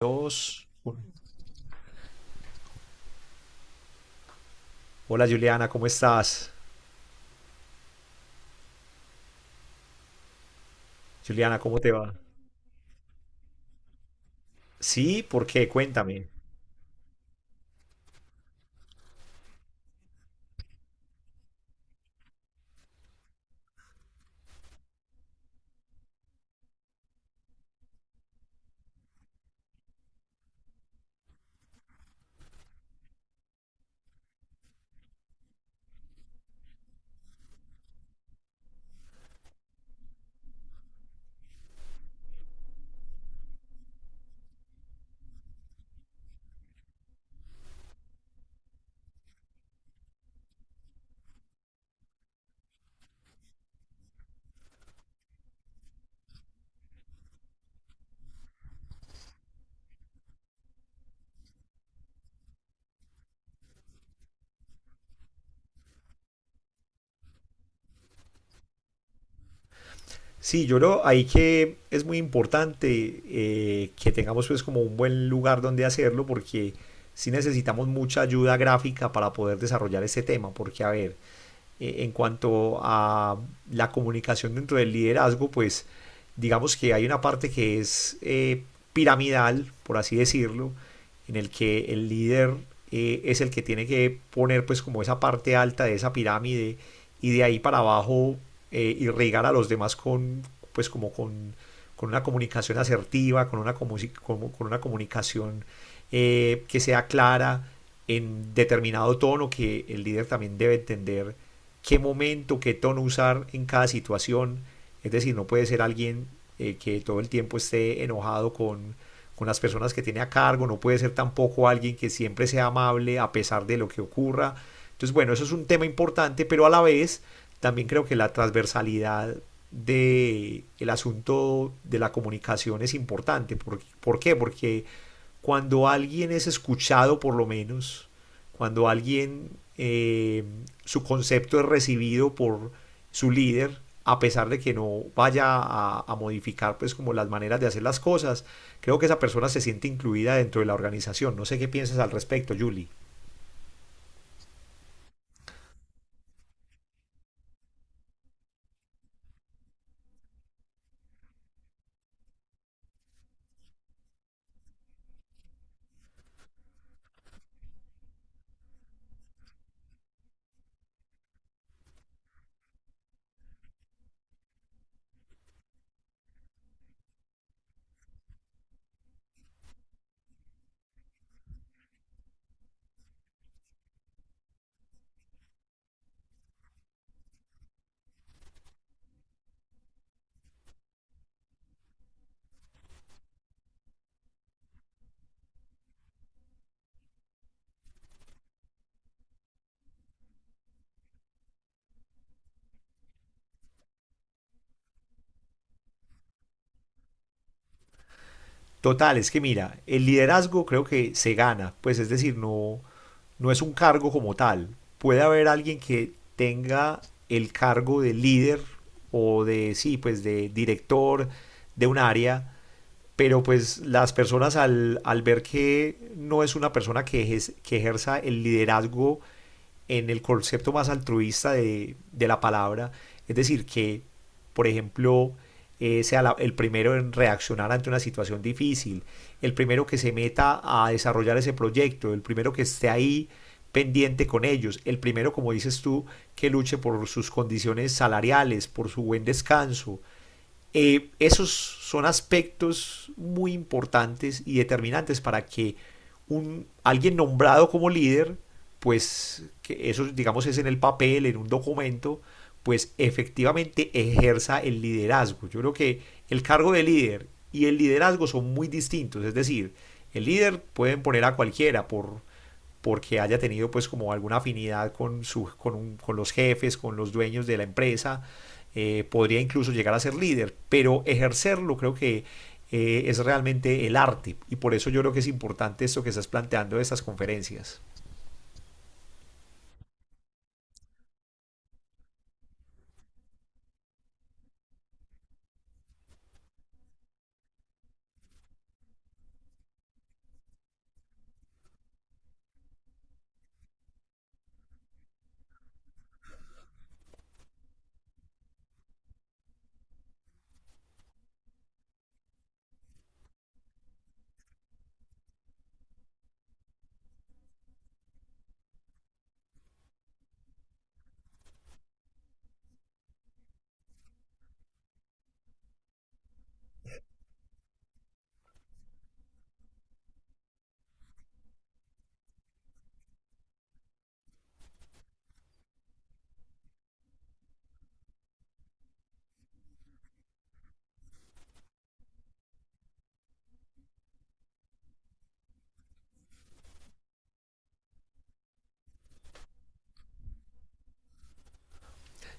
Dos. Hola Juliana, ¿cómo estás? Juliana, ¿cómo te va? Sí, ¿por qué? Cuéntame. Sí, yo lo, ahí que es muy importante, que tengamos pues como un buen lugar donde hacerlo porque sí necesitamos mucha ayuda gráfica para poder desarrollar este tema, porque a ver, en cuanto a la comunicación dentro del liderazgo, pues digamos que hay una parte que es piramidal, por así decirlo, en el que el líder es el que tiene que poner pues como esa parte alta de esa pirámide y de ahí para abajo, irrigar a los demás con pues como con una comunicación asertiva, con una comunicación que sea clara, en determinado tono, que el líder también debe entender qué momento, qué tono usar en cada situación. Es decir, no puede ser alguien que todo el tiempo esté enojado con las personas que tiene a cargo. No puede ser tampoco alguien que siempre sea amable a pesar de lo que ocurra. Entonces, bueno, eso es un tema importante, pero a la vez también creo que la transversalidad de el asunto de la comunicación es importante. ¿Por qué? Porque cuando alguien es escuchado, por lo menos, cuando alguien eh, su concepto es recibido por su líder, a pesar de que no vaya a modificar pues como las maneras de hacer las cosas, creo que esa persona se siente incluida dentro de la organización. No sé qué piensas al respecto, Julie. Total, es que mira, el liderazgo creo que se gana, pues es decir, no, no es un cargo como tal. Puede haber alguien que tenga el cargo de líder o de, sí, pues de director de un área, pero pues las personas al ver que no es una persona que, que ejerza el liderazgo en el concepto más altruista de la palabra, es decir, que, por ejemplo, sea el primero en reaccionar ante una situación difícil, el primero que se meta a desarrollar ese proyecto, el primero que esté ahí pendiente con ellos, el primero, como dices tú, que luche por sus condiciones salariales, por su buen descanso. Esos son aspectos muy importantes y determinantes para que alguien nombrado como líder, pues que eso digamos es en el papel, en un documento, pues efectivamente ejerza el liderazgo. Yo creo que el cargo de líder y el liderazgo son muy distintos, es decir, el líder pueden poner a cualquiera porque haya tenido pues como alguna afinidad con los jefes, con los dueños de la empresa. Podría incluso llegar a ser líder, pero ejercerlo creo que es realmente el arte, y por eso yo creo que es importante esto que estás planteando de estas conferencias.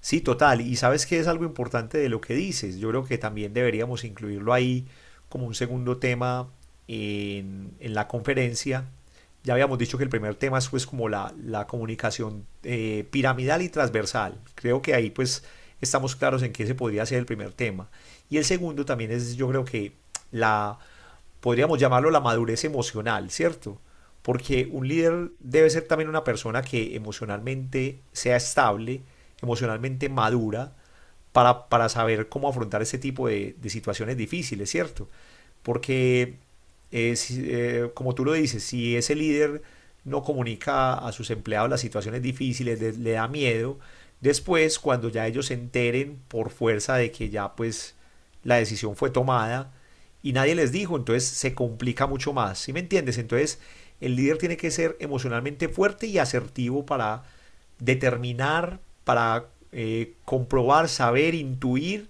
Sí, total. Y sabes que es algo importante de lo que dices. Yo creo que también deberíamos incluirlo ahí como un segundo tema en la conferencia. Ya habíamos dicho que el primer tema es pues como la comunicación piramidal y transversal. Creo que ahí pues estamos claros en qué se podría ser el primer tema. Y el segundo también es, yo creo que la podríamos llamarlo la madurez emocional, ¿cierto? Porque un líder debe ser también una persona que emocionalmente sea estable, emocionalmente madura, para saber cómo afrontar este tipo de situaciones difíciles, ¿cierto? Porque, si, como tú lo dices, si ese líder no comunica a sus empleados las situaciones difíciles, le da miedo, después cuando ya ellos se enteren por fuerza de que ya pues la decisión fue tomada, y nadie les dijo, entonces se complica mucho más, ¿sí me entiendes? Entonces el líder tiene que ser emocionalmente fuerte y asertivo para determinar, para comprobar, saber, intuir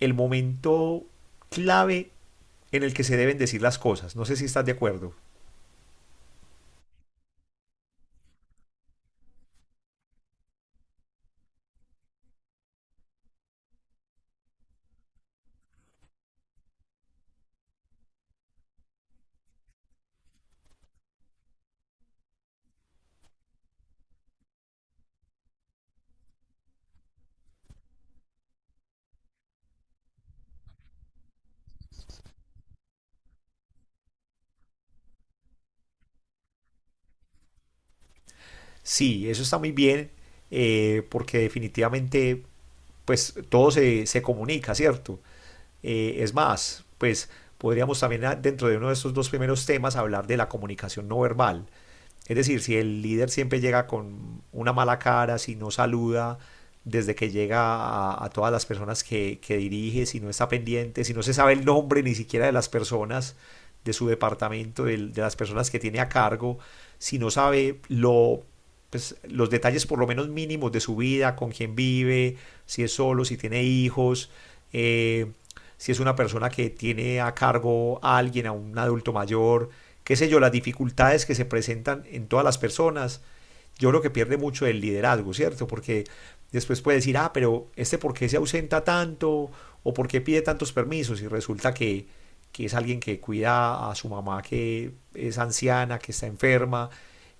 el momento clave en el que se deben decir las cosas. No sé si estás de acuerdo. Sí, eso está muy bien. Porque definitivamente, pues todo se comunica, ¿cierto? Es más, pues podríamos también ah, dentro de uno de estos dos primeros temas hablar de la comunicación no verbal. Es decir, si el líder siempre llega con una mala cara, si no saluda desde que llega a todas las personas que dirige, si no está pendiente, si no se sabe el nombre ni siquiera de las personas de su departamento, las personas que tiene a cargo, si no sabe lo pues, los detalles por lo menos mínimos de su vida, con quién vive, si es solo, si tiene hijos, eh, si es una persona que tiene a cargo a alguien, a un adulto mayor, qué sé yo, las dificultades que se presentan en todas las personas. Yo creo que pierde mucho el liderazgo, ¿cierto? Porque después puede decir, ah, pero este por qué se ausenta tanto o por qué pide tantos permisos, y resulta que es alguien que cuida a su mamá que es anciana, que está enferma,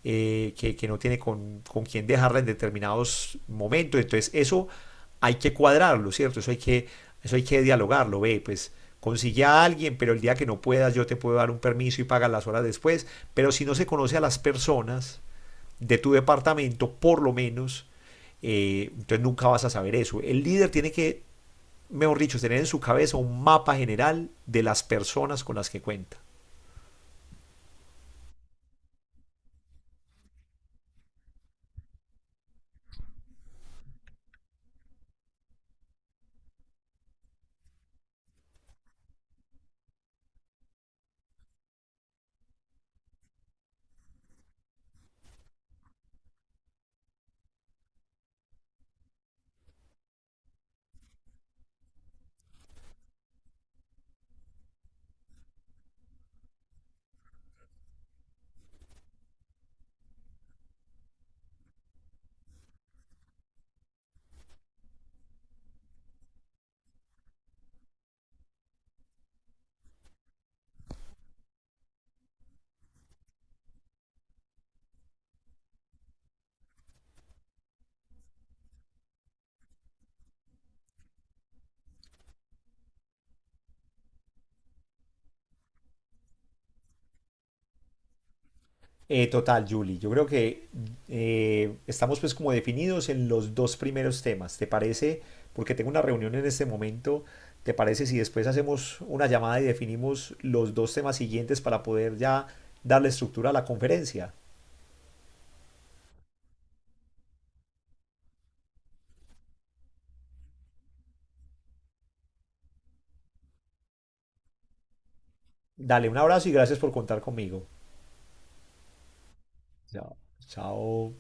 no tiene con quién dejarla en determinados momentos. Entonces eso hay que cuadrarlo, ¿cierto? Eso hay que dialogarlo. Ve, pues consigue a alguien, pero el día que no puedas yo te puedo dar un permiso y pagar las horas después. Pero si no se conoce a las personas de tu departamento, por lo menos, entonces nunca vas a saber eso. El líder tiene que, mejor dicho, tener en su cabeza un mapa general de las personas con las que cuenta. Total, Julie, yo creo que estamos pues como definidos en los dos primeros temas. ¿Te parece? Porque tengo una reunión en este momento. ¿Te parece si después hacemos una llamada y definimos los dos temas siguientes para poder ya darle estructura a la conferencia? Dale un abrazo y gracias por contar conmigo. Chao. Chao.